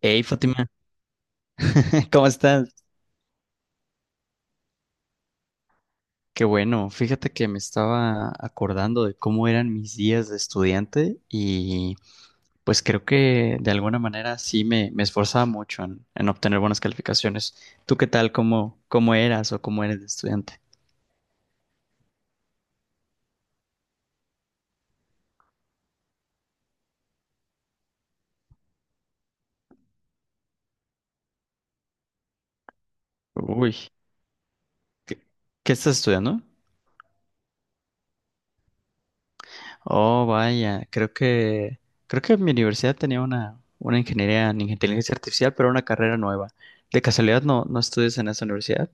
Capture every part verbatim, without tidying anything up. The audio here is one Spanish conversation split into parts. Hey Fátima, ¿cómo estás? Qué bueno, fíjate que me estaba acordando de cómo eran mis días de estudiante y pues creo que de alguna manera sí me, me esforzaba mucho en, en obtener buenas calificaciones. ¿Tú qué tal? ¿Cómo, cómo eras o cómo eres de estudiante? Uy, ¿qué, qué estás estudiando? Oh, vaya, creo que creo que mi universidad tenía una, una ingeniería en inteligencia artificial, pero una carrera nueva. ¿De casualidad no, no estudias en esa universidad?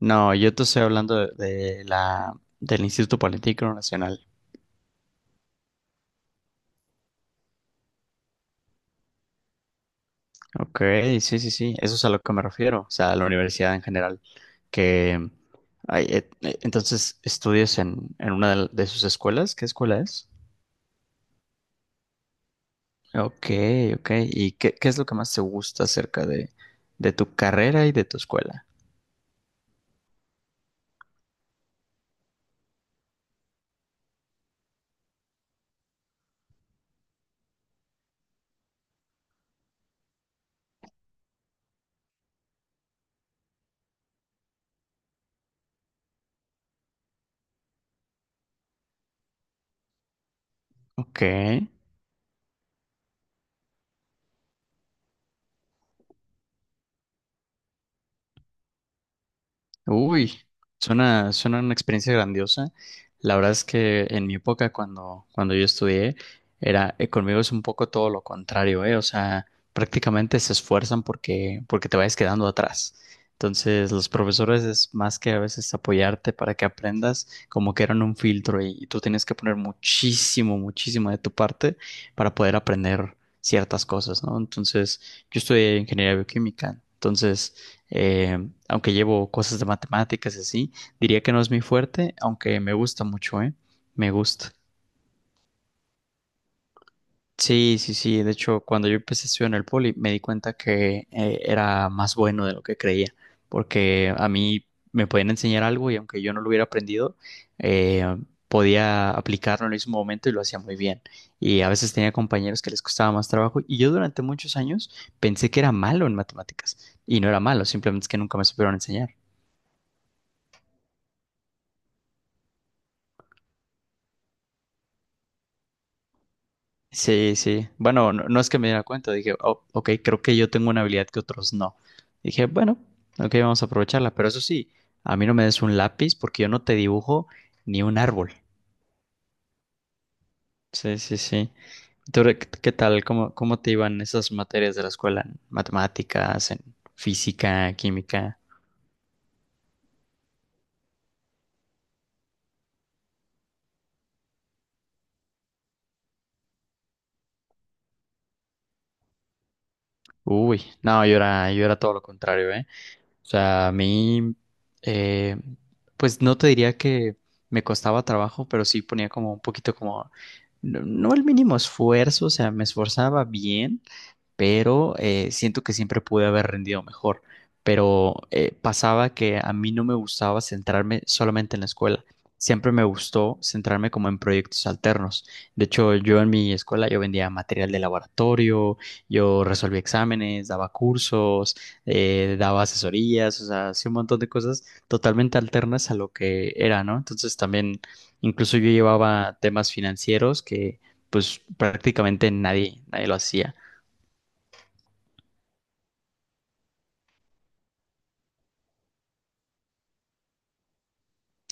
No, yo te estoy hablando de, de la, del Instituto Politécnico Nacional. Ok, sí, sí, sí, eso es a lo que me refiero, o sea, a la universidad en general, que ay, eh, eh, entonces estudias en, en una de, de sus escuelas, ¿qué escuela es? Ok, ok, ¿y qué, qué es lo que más te gusta acerca de, de tu carrera y de tu escuela? Ok. Uy, suena, suena una experiencia grandiosa. La verdad es que en mi época, cuando, cuando yo estudié, era, eh, conmigo es un poco todo lo contrario, ¿eh? O sea, prácticamente se esfuerzan porque, porque te vayas quedando atrás. Entonces, los profesores es más que a veces apoyarte para que aprendas, como que eran un filtro y, y tú tienes que poner muchísimo, muchísimo de tu parte para poder aprender ciertas cosas, ¿no? Entonces, yo estudié ingeniería bioquímica, entonces... Eh, aunque llevo cosas de matemáticas y así, diría que no es mi fuerte, aunque me gusta mucho, ¿eh? Me gusta. Sí, sí, sí. De hecho, cuando yo empecé a estudiar en el poli, me di cuenta que eh, era más bueno de lo que creía, porque a mí me podían enseñar algo y aunque yo no lo hubiera aprendido, eh, podía aplicarlo en el mismo momento y lo hacía muy bien. Y a veces tenía compañeros que les costaba más trabajo y yo durante muchos años pensé que era malo en matemáticas y no era malo, simplemente es que nunca me supieron enseñar. Sí, sí. Bueno, no, no es que me diera cuenta. Dije, oh, ok, creo que yo tengo una habilidad que otros no. Dije, bueno, ok, vamos a aprovecharla. Pero eso sí, a mí no me des un lápiz porque yo no te dibujo ni un árbol. Sí, sí, sí. ¿Tú re- qué tal? ¿Cómo, cómo te iban esas materias de la escuela? ¿En matemáticas, en física, química? Uy, no, yo era, yo era todo lo contrario, ¿eh? O sea, a mí, eh, pues no te diría que me costaba trabajo, pero sí ponía como un poquito como, no, no el mínimo esfuerzo, o sea, me esforzaba bien, pero eh, siento que siempre pude haber rendido mejor. Pero eh, pasaba que a mí no me gustaba centrarme solamente en la escuela. Siempre me gustó centrarme como en proyectos alternos. De hecho, yo en mi escuela yo vendía material de laboratorio, yo resolvía exámenes, daba cursos, eh, daba asesorías, o sea, hacía un montón de cosas totalmente alternas a lo que era, ¿no? Entonces también, incluso yo llevaba temas financieros que pues prácticamente nadie, nadie lo hacía.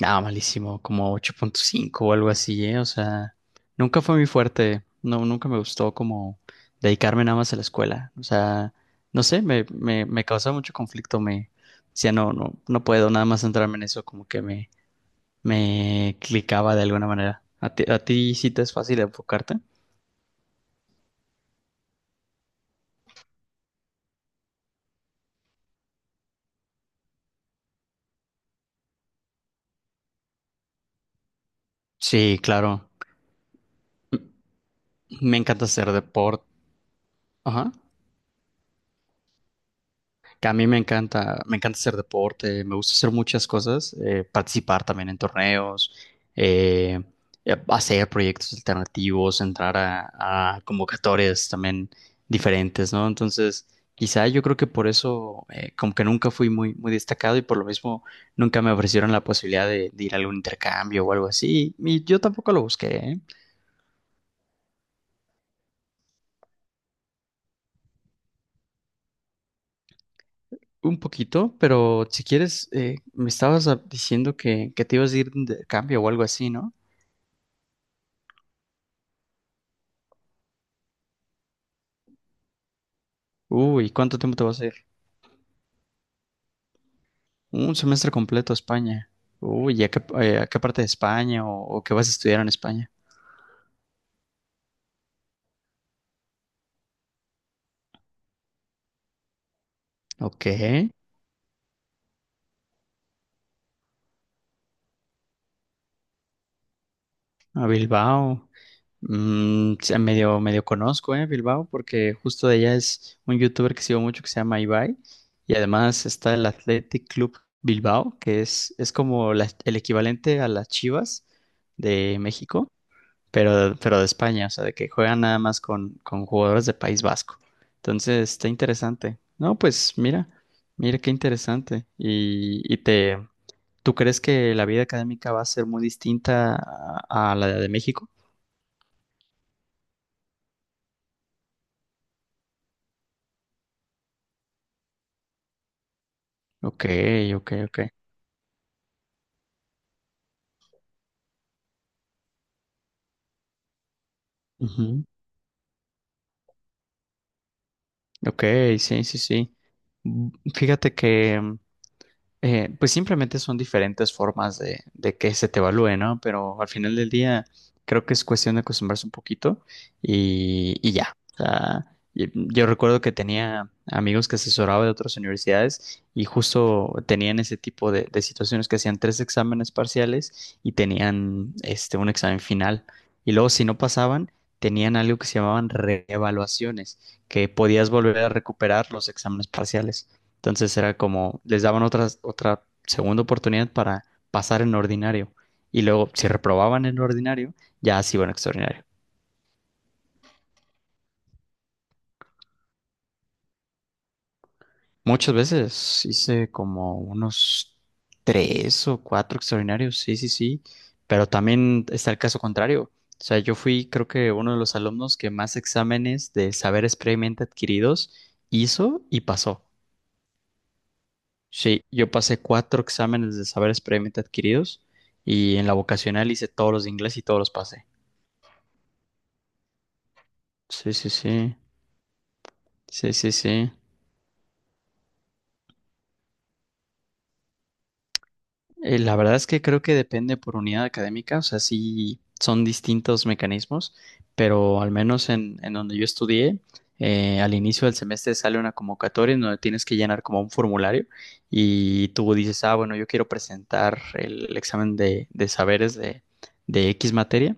Ah, malísimo, como ocho punto cinco o algo así, ¿eh? O sea, nunca fue muy fuerte, no, nunca me gustó como dedicarme nada más a la escuela, o sea, no sé, me, me, me causaba mucho conflicto, me decía, no, no, no puedo nada más centrarme en eso, como que me, me clicaba de alguna manera. ¿A ti, a ti sí te es fácil enfocarte? Sí, claro, me encanta hacer deporte, ajá. Que a mí me encanta, me encanta hacer deporte, me gusta hacer muchas cosas, eh, participar también en torneos, eh, eh, hacer proyectos alternativos, entrar a, a convocatorias también diferentes, ¿no? Entonces, quizá yo creo que por eso, eh, como que nunca fui muy, muy destacado y por lo mismo nunca me ofrecieron la posibilidad de, de ir a algún intercambio o algo así. Y yo tampoco lo busqué, ¿eh? Un poquito, pero si quieres, eh, me estabas ah, diciendo que, que te ibas a ir de intercambio o algo así, ¿no? Uy, ¿cuánto tiempo te vas a ir? Un semestre completo a España. Uy, ¿y ¿a qué, eh, a qué parte de España o, o qué vas a estudiar en España? Ok, a Bilbao. Mm, sí, medio, medio conozco, eh, Bilbao, porque justo de allá es un youtuber que sigo mucho que se llama Ibai. Y además está el Athletic Club Bilbao, que es, es como la- el equivalente a las Chivas de México. pero, pero de España, o sea, de que juegan nada más con, con jugadores de País Vasco. Entonces, está interesante. No, pues mira, mira qué interesante. Y, y te, ¿tú crees que la vida académica va a ser muy distinta a, a la de México? Ok, ok, ok. Ujú. Ok, sí, sí, sí. Mm, Fíjate que mm, Eh, pues simplemente son diferentes formas de, de que se te evalúe, ¿no? Pero al final del día creo que es cuestión de acostumbrarse un poquito y, y ya. O sea, y- yo recuerdo que tenía amigos que asesoraba de otras universidades y justo tenían ese tipo de, de situaciones que hacían tres exámenes parciales y tenían este, un examen final. Y luego si no pasaban, tenían algo que se llamaban reevaluaciones, que podías volver a recuperar los exámenes parciales. Entonces era como, les daban otras, otra segunda oportunidad para pasar en ordinario. Y luego, si reprobaban en ordinario, ya se iban a extraordinario. Muchas veces hice como unos tres o cuatro extraordinarios, sí, sí, sí. Pero también está el caso contrario. O sea, yo fui, creo que uno de los alumnos que más exámenes de saberes previamente adquiridos hizo y pasó. Sí, yo pasé cuatro exámenes de saberes previamente adquiridos y en la vocacional hice todos los de inglés y todos los pasé. Sí, sí, sí, sí, sí, sí. Eh, La verdad es que creo que depende por unidad académica, o sea, sí son distintos mecanismos, pero al menos en, en donde yo estudié, eh, al inicio del semestre sale una convocatoria en donde tienes que llenar como un formulario y tú dices, ah, bueno, yo quiero presentar el examen de, de saberes de, de X materia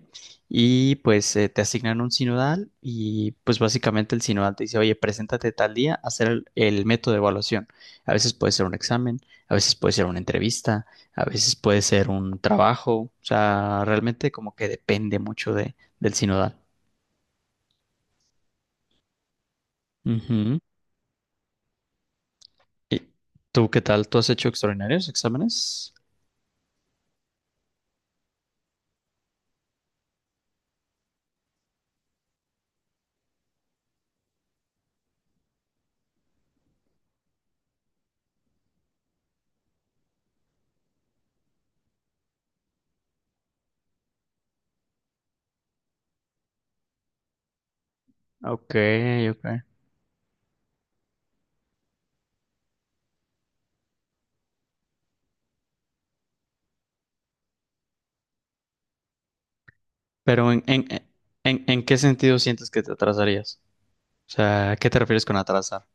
y pues eh, te asignan un sinodal y pues básicamente el sinodal te dice, oye, preséntate tal día a hacer el el método de evaluación. A veces puede ser un examen, a veces puede ser una entrevista, a veces puede ser un trabajo, o sea, realmente como que depende mucho de, del sinodal. Ujú. ¿Y tú qué tal? ¿Tú has hecho extraordinarios exámenes? Ok, ok. Pero en, en, en, ¿en qué sentido sientes que te atrasarías? O sea, ¿a qué te refieres con atrasar?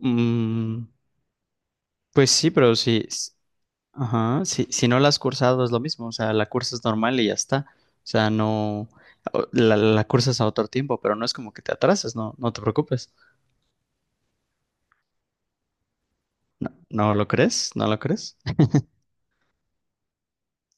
Mm, pues sí, pero si, s- ajá, si, si no la has cursado es lo mismo, o sea, la cursas normal y ya está. O sea, no, o- la, la cursas a otro tiempo, pero no es como que te atrases, no, no te preocupes. No, ¿no lo crees? ¿No lo crees?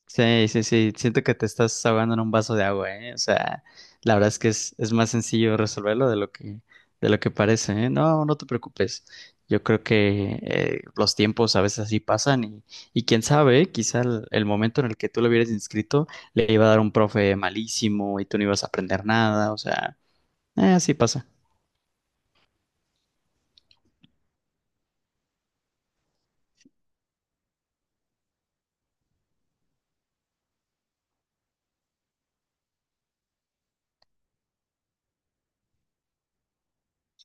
Sí, sí, sí. Siento que te estás ahogando en un vaso de agua, ¿eh? O sea, la verdad es que es, es más sencillo resolverlo de lo que, de lo que parece, ¿eh? No, no te preocupes. Yo creo que eh, los tiempos a veces así pasan y, y quién sabe, quizá el, el momento en el que tú lo hubieras inscrito le iba a dar un profe malísimo y tú no ibas a aprender nada, o sea, eh, así pasa.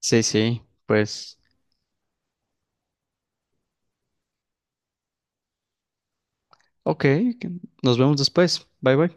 Sí, sí, pues, ok, nos vemos después. Bye, bye.